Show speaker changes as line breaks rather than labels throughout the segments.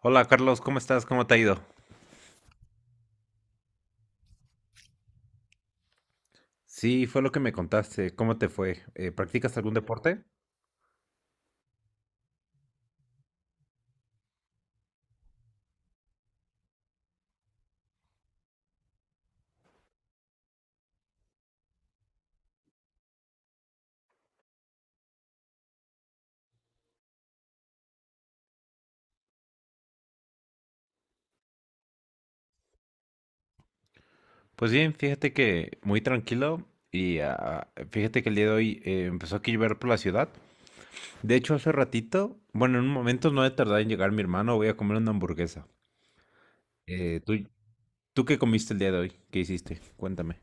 Hola Carlos, ¿cómo estás? ¿Cómo te ha ido? Sí, fue lo que me contaste. ¿Cómo te fue? ¿Practicas algún deporte? Pues bien, fíjate que muy tranquilo y fíjate que el día de hoy empezó a llover por la ciudad. De hecho, hace ratito, bueno, en un momento no he tardado en llegar mi hermano, voy a comer una hamburguesa. Eh, ¿tú, tú qué comiste el día de hoy? ¿Qué hiciste? Cuéntame.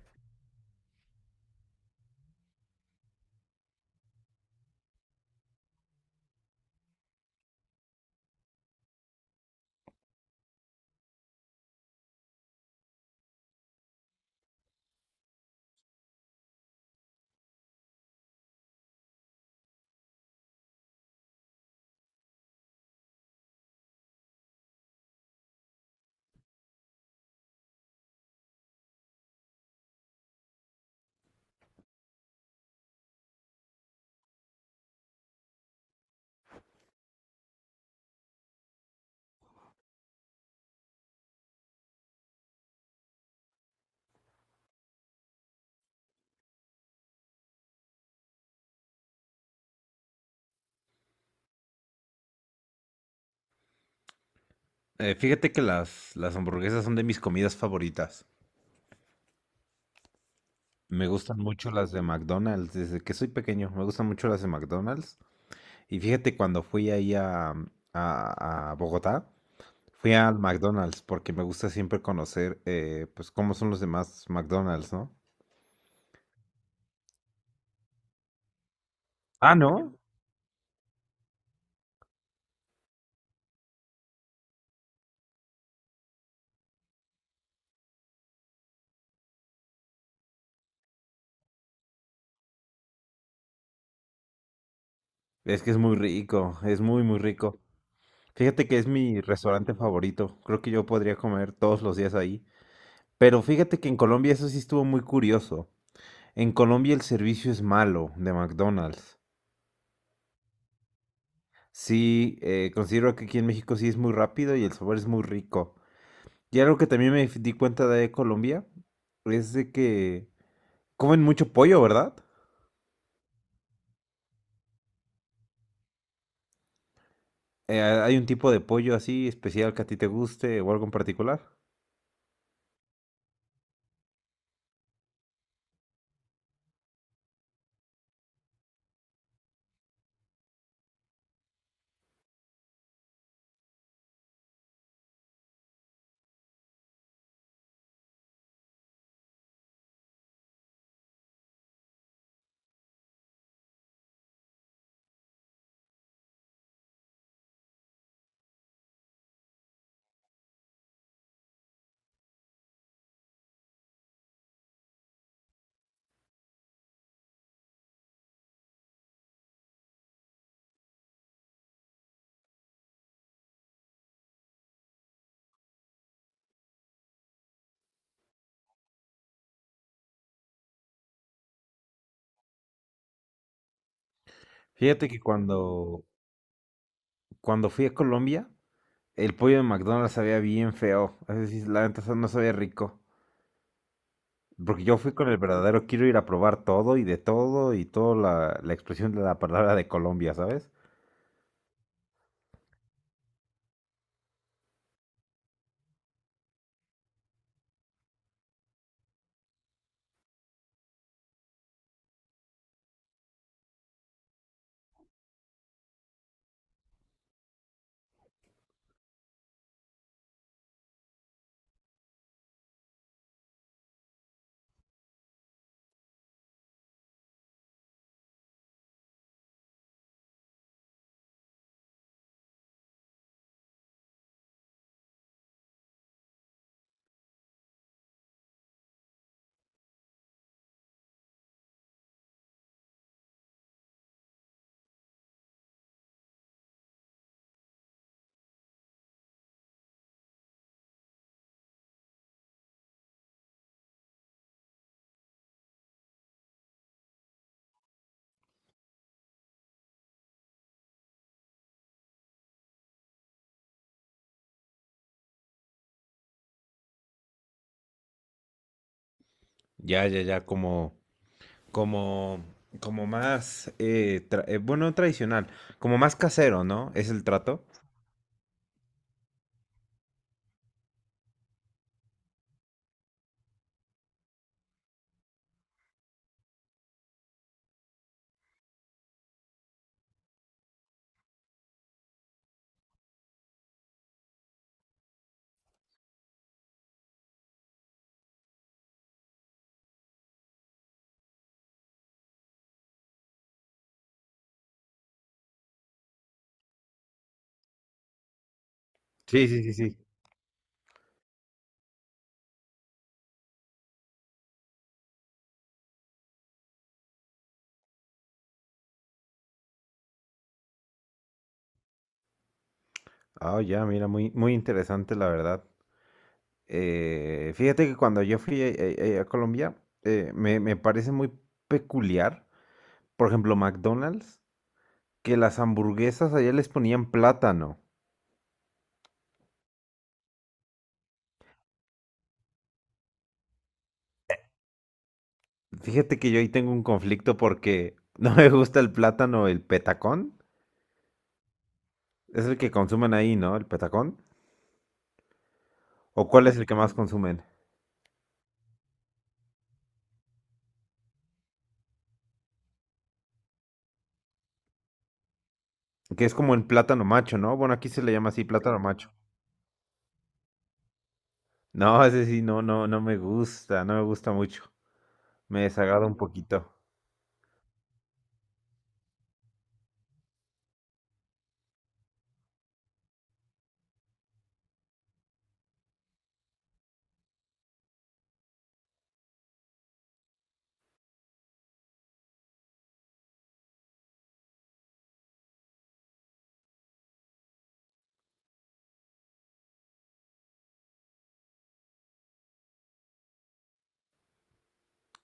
Fíjate que las hamburguesas son de mis comidas favoritas. Me gustan mucho las de McDonald's, desde que soy pequeño, me gustan mucho las de McDonald's. Y fíjate, cuando fui ahí a, a Bogotá, fui al McDonald's porque me gusta siempre conocer, pues, cómo son los demás McDonald's, ¿no? Ah, ¿no? Es que es muy rico, es muy, muy rico. Fíjate que es mi restaurante favorito. Creo que yo podría comer todos los días ahí. Pero fíjate que en Colombia eso sí estuvo muy curioso. En Colombia el servicio es malo de McDonald's. Sí, considero que aquí en México sí es muy rápido y el sabor es muy rico. Y algo que también me di cuenta de Colombia es de que comen mucho pollo, ¿verdad? ¿Hay un tipo de pollo así especial que a ti te guste o algo en particular? Fíjate que cuando fui a Colombia, el pollo de McDonald's sabía bien feo. Es decir, la neta no sabía rico. Porque yo fui con el verdadero quiero ir a probar todo y de todo y toda la expresión de la palabra de Colombia, ¿sabes? Ya, ya, ya, como, como más, bueno, tradicional, como más casero, ¿no? Es el trato. Sí, sí, sí, sí. Ah, ya, mira, muy, muy interesante, la verdad. Fíjate que cuando yo fui a, Colombia, me parece muy peculiar, por ejemplo, McDonald's, que las hamburguesas allá les ponían plátano. Fíjate que yo ahí tengo un conflicto porque no me gusta el plátano, el petacón. Es el que consumen ahí, ¿no? El petacón. ¿O cuál es el que más consumen? Que es como el plátano macho, ¿no? Bueno, aquí se le llama así plátano macho. No, ese sí, no, no, no me gusta, no me gusta mucho. Me desagrada un poquito.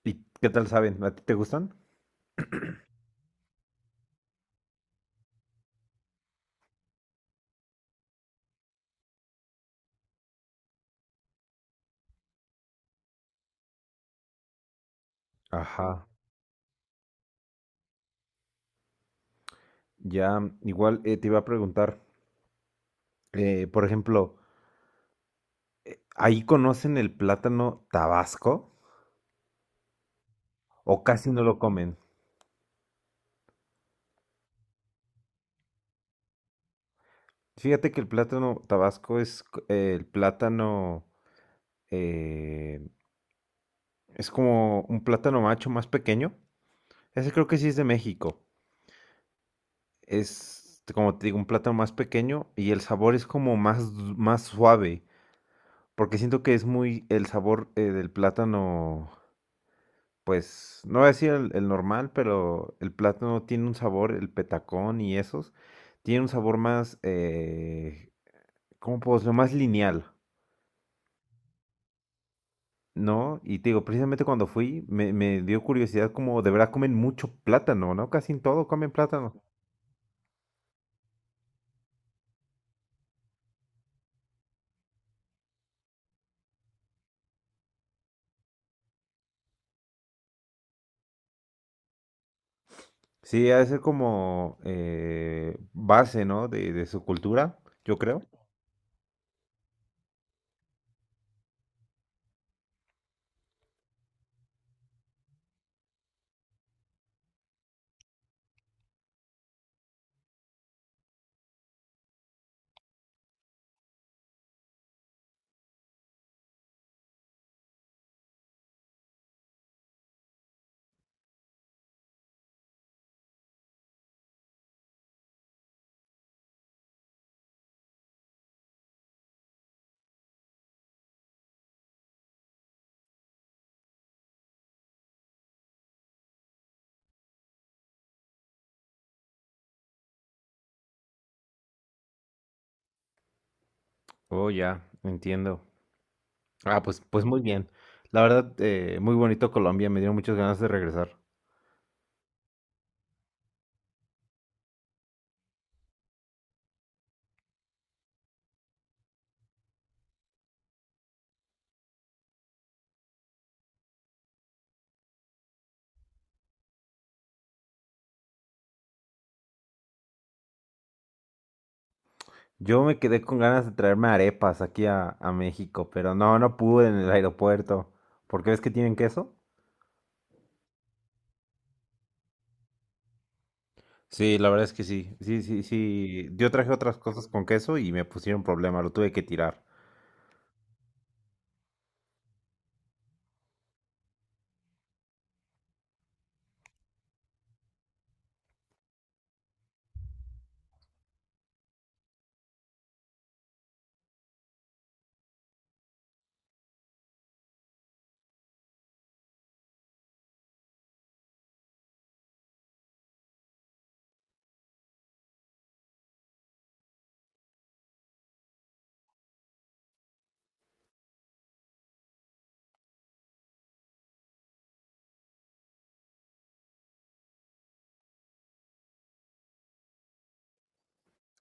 ¿Y qué tal saben? ¿A ti te gustan? Ajá. Ya, igual te iba a preguntar, por ejemplo, ¿ahí conocen el plátano tabasco o casi no lo comen? Fíjate que el plátano tabasco el plátano, eh, es como un plátano macho más pequeño. Ese creo que sí es de México. Es, como te digo, un plátano más pequeño y el sabor es como más, más suave, porque siento que es muy el sabor del plátano, pues, no voy a decir el normal, pero el plátano tiene un sabor, el petacón y esos, tiene un sabor más, ¿cómo puedo decirlo? Más lineal, ¿no? Y te digo, precisamente cuando fui, me dio curiosidad como de verdad comen mucho plátano, ¿no? Casi en todo comen plátano. Sí, ha de ser como base, ¿no? De su cultura, yo creo. Oh, ya, entiendo. Ah, pues, pues muy bien. La verdad, muy bonito Colombia, me dieron muchas ganas de regresar. Yo me quedé con ganas de traerme arepas aquí a México, pero no, no pude en el aeropuerto. ¿Por qué ves que tienen queso? Sí, la verdad es que sí. Sí, sí, sí. Yo traje otras cosas con queso y me pusieron problema, lo tuve que tirar.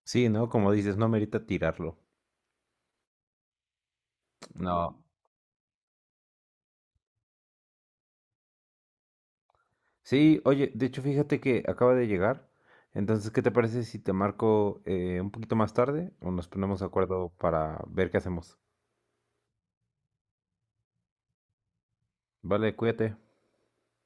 Sí, ¿no? Como dices, no merita tirarlo. No. Sí, oye, de hecho fíjate que acaba de llegar. Entonces, ¿qué te parece si te marco un poquito más tarde o nos ponemos de acuerdo para ver qué hacemos? Vale, cuídate.